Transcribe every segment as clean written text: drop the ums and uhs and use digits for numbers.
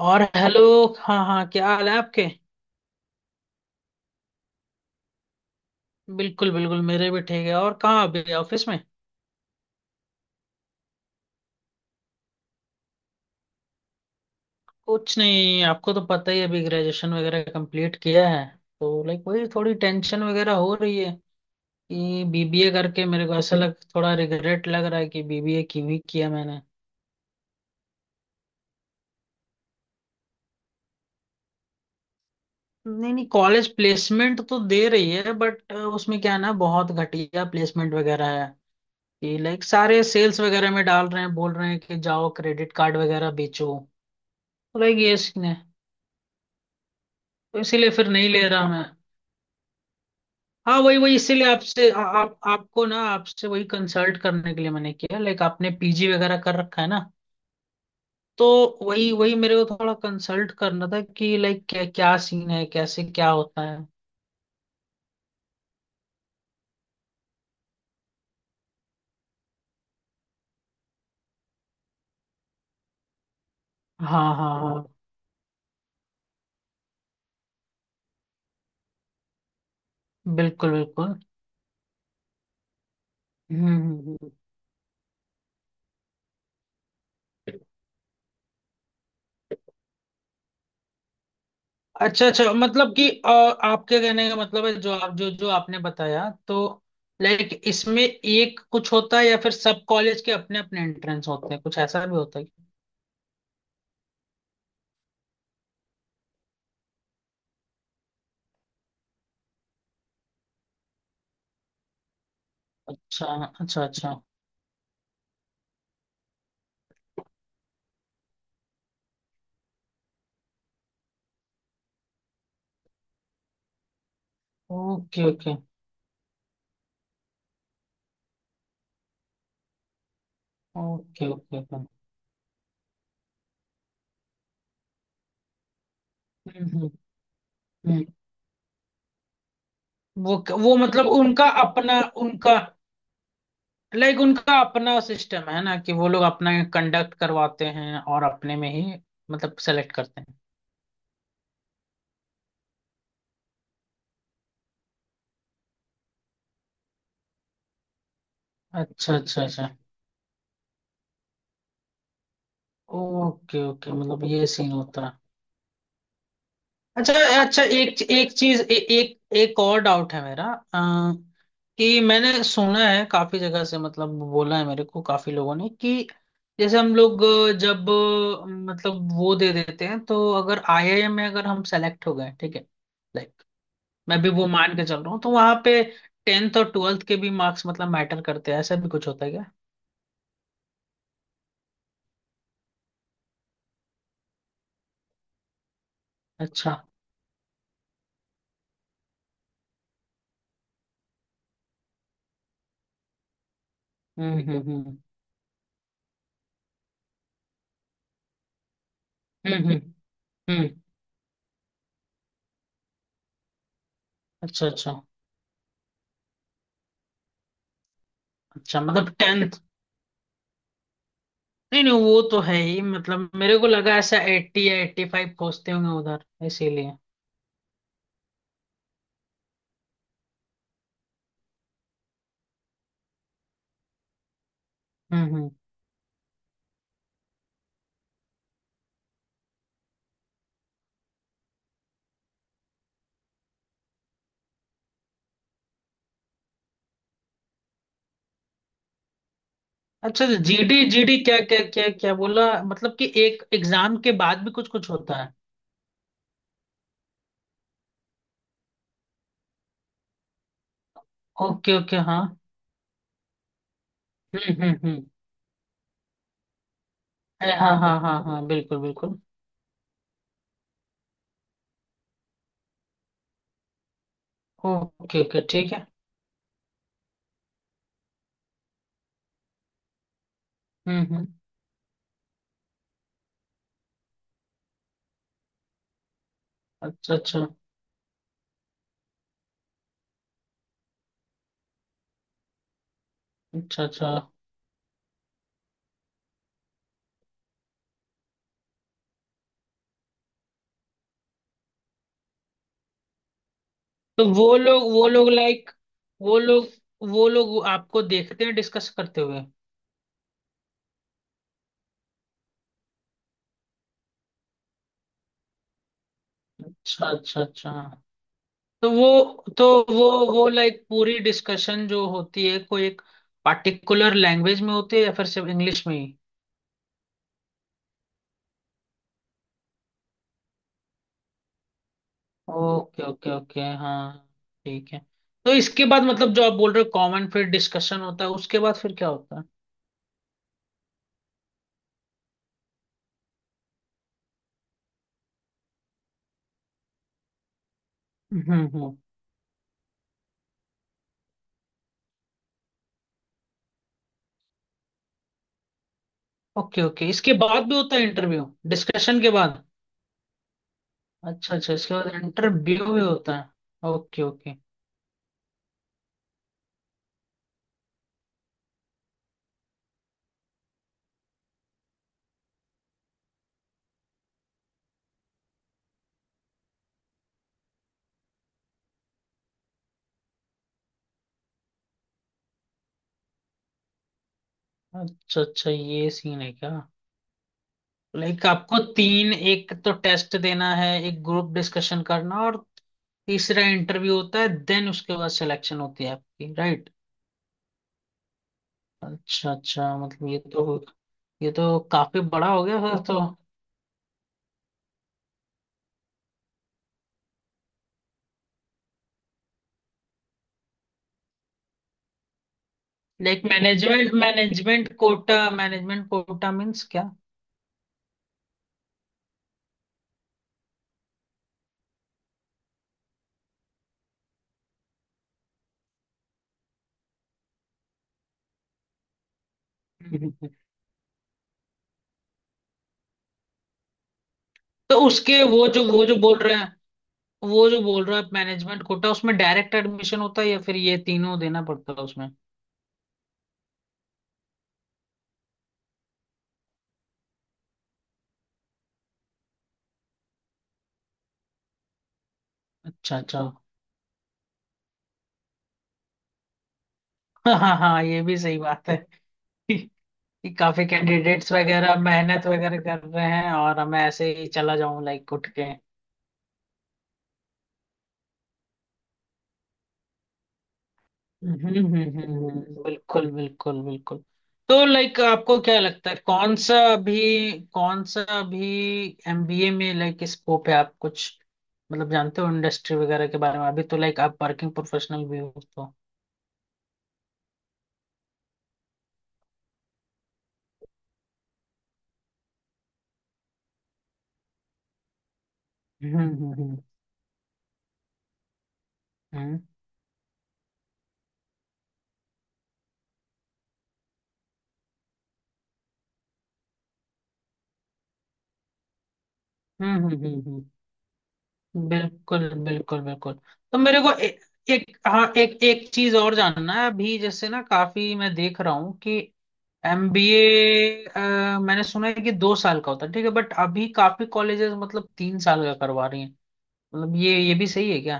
और हेलो। हाँ हाँ, क्या हाल है आपके। बिल्कुल बिल्कुल, मेरे भी ठीक है। और कहाँ अभी, ऑफिस में। कुछ नहीं, आपको तो पता ही है, अभी ग्रेजुएशन वगैरह कंप्लीट किया है, तो लाइक वही थोड़ी टेंशन वगैरह हो रही है कि बीबीए करके मेरे को ऐसा लग, थोड़ा रिग्रेट लग रहा है कि बीबीए क्यों ही किया मैंने। नहीं नहीं, कॉलेज प्लेसमेंट तो दे रही है, बट उसमें क्या है ना, बहुत घटिया प्लेसमेंट वगैरह है कि लाइक सारे सेल्स वगैरह में डाल रहे हैं, बोल रहे हैं कि जाओ क्रेडिट कार्ड वगैरह बेचो। तो लाइक ये सीन है। तो इसीलिए फिर नहीं ले रहा मैं। हाँ, वही वही इसीलिए आपसे आप आपको ना, आपसे वही कंसल्ट करने के लिए मैंने किया, लाइक आपने पीजी वगैरह कर रखा है ना। तो वही वही मेरे को थोड़ा कंसल्ट करना था कि लाइक क्या क्या सीन है, कैसे क्या होता है। हाँ हाँ हाँ, बिल्कुल बिल्कुल। हम्म। अच्छा अच्छा, मतलब कि आपके कहने का मतलब है, जो आप जो जो आपने बताया तो, लाइक इसमें एक कुछ होता है, या फिर सब कॉलेज के अपने अपने एंट्रेंस होते हैं, कुछ ऐसा भी होता है क्या? अच्छा अच्छा अच्छा। Okay okay okay okay okay. हम्म हम्म हम्म। वो मतलब उनका अपना उनका लाइक उनका अपना सिस्टम है ना, कि वो लोग अपना कंडक्ट करवाते हैं और अपने में ही मतलब सेलेक्ट करते हैं। अच्छा अच्छा अच्छा। ओके ओके, मतलब ये सीन होता है। अच्छा अच्छा, एक एक चीज एक एक और डाउट है मेरा। आ, कि मैंने सुना है काफी जगह से, मतलब बोला है मेरे को काफी लोगों ने कि, जैसे हम लोग जब मतलब वो दे देते हैं, तो अगर आईआईएम में अगर हम सेलेक्ट हो गए, ठीक है, लाइक मैं भी वो मान के चल रहा हूँ, तो वहां पे टेंथ और ट्वेल्थ के भी मार्क्स मतलब मैटर करते हैं, ऐसा भी कुछ होता है क्या? अच्छा। हम्म हम्म हम्म हम्म हम्म हम्म। अच्छा अच्छा अच्छा, मतलब 10। नहीं नहीं, वो तो है ही, मतलब मेरे को लगा ऐसा 80 या 85 खोजते होंगे उधर, इसीलिए। हम्म। अच्छा, तो जीडी जीडी क्या क्या क्या क्या बोला, मतलब कि एक एग्जाम के बाद भी कुछ कुछ होता है। ओके ओके हाँ। हम्म। अरे हाँ हाँ हाँ हाँ, बिल्कुल बिल्कुल। ओके ओके ठीक है। हम्म। अच्छा अच्छा अच्छा अच्छा। तो वो लोग लाइक वो लोग वो लोग आपको देखते हैं डिस्कस करते हुए। अच्छा अच्छा अच्छा। तो वो तो वो लाइक पूरी डिस्कशन जो होती है, कोई एक पार्टिकुलर लैंग्वेज में होती है या फिर सिर्फ इंग्लिश में ही? ओके ओके ओके हाँ, ठीक है। तो इसके बाद, मतलब जो आप बोल रहे हो, कॉमन फिर डिस्कशन होता है, उसके बाद फिर क्या होता है? हम्म। ओके ओके, इसके बाद भी होता है इंटरव्यू, डिस्कशन के बाद? अच्छा अच्छा, इसके बाद इंटरव्यू भी होता है, ओके ओके। अच्छा अच्छा, ये सीन है क्या? लाइक आपको तीन, एक तो टेस्ट देना है, एक ग्रुप डिस्कशन करना और तीसरा इंटरव्यू होता है, देन उसके बाद सिलेक्शन होती है आपकी, राइट? अच्छा अच्छा, मतलब ये तो काफी बड़ा हो गया फिर तो। Like management management quota means क्या? तो उसके वो जो बोल रहे हैं, वो जो बोल रहा है मैनेजमेंट कोटा, उसमें डायरेक्ट एडमिशन होता है या फिर ये तीनों देना पड़ता है उसमें? अच्छा अच्छा। हाँ हाँ हाँ, ये भी सही बात है। कि काफी कैंडिडेट्स वगैरह मेहनत वगैरह कर रहे हैं और मैं ऐसे ही चला जाऊं लाइक उठ के। बिल्कुल बिल्कुल बिल्कुल। तो लाइक आपको क्या लगता है, कौन सा अभी एमबीए में लाइक स्कोप है, आप कुछ मतलब जानते हो इंडस्ट्री वगैरह के बारे में, अभी तो लाइक आप वर्किंग प्रोफेशनल भी हो तो। हम्म हम्म हम्म हम्म हम्म हम्म, हम्म, बिल्कुल बिल्कुल बिल्कुल। तो मेरे को एक हाँ, एक एक चीज और जानना है अभी, जैसे ना काफी मैं देख रहा हूँ कि एमबीए, मैंने सुना है कि 2 साल का होता है, ठीक है, बट अभी काफी कॉलेजेस मतलब 3 साल का करवा रही हैं, मतलब ये भी सही है क्या?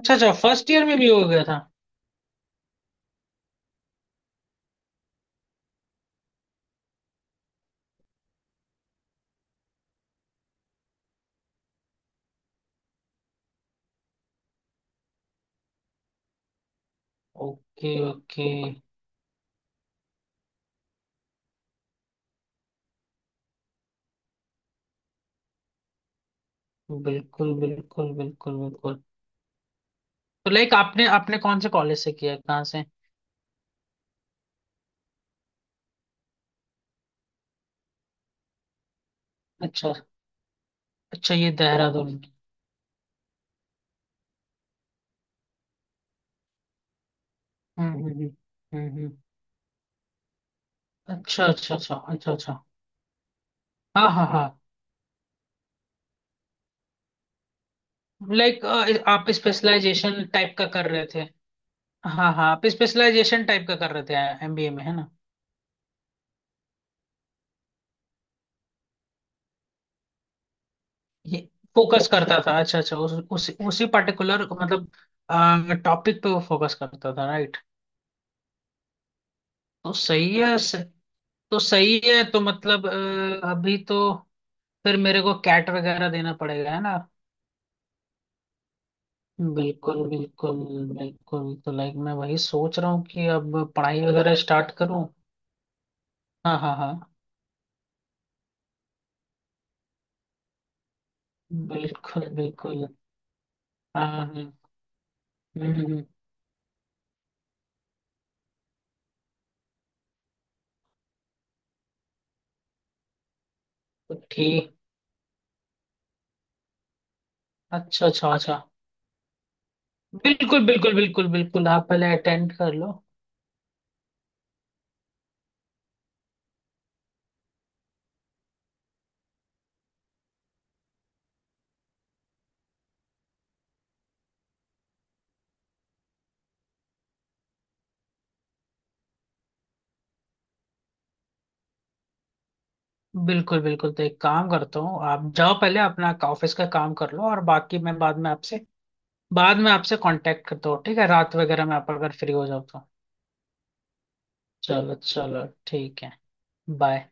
अच्छा अच्छा, फर्स्ट ईयर में भी हो गया था, ओके ओके। बिल्कुल बिल्कुल बिल्कुल बिल्कुल, तो लाइक आपने आपने कौन से कॉलेज से किया है? कहाँ से? अच्छा अच्छा, ये देहरादून। हम्म हम्म हम्म हम्म, हम्म। अच्छा अच्छा अच्छा अच्छा अच्छा। हाँ हाँ हाँ। लाइक आप स्पेशलाइजेशन टाइप का कर रहे थे, हाँ हाँ, आप स्पेशलाइजेशन टाइप का कर रहे थे एमबीए में, है ना? ये फोकस करता था, अच्छा अच्छा, उसी पर्टिकुलर मतलब टॉपिक पे वो फोकस करता था, राइट? तो सही है, तो सही है, तो मतलब अभी तो फिर मेरे को कैट वगैरह देना पड़ेगा, है ना? बिल्कुल बिल्कुल बिल्कुल। तो लाइक मैं वही सोच रहा हूँ कि अब पढ़ाई वगैरह स्टार्ट करूँ। हाँ हाँ हाँ, बिल्कुल बिल्कुल। हाँ हाँ, हम्म। तो ठीक। अच्छा अच्छा अच्छा। बिल्कुल बिल्कुल बिल्कुल बिल्कुल, आप पहले अटेंड कर लो। बिल्कुल बिल्कुल, तो एक काम करता हूँ, आप जाओ पहले अपना ऑफिस का काम कर लो, और बाकी मैं बाद में आपसे कांटेक्ट करता हूँ, ठीक है, रात वगैरह में आप अगर फ्री हो जाओ तो। चलो चलो ठीक है। बाय।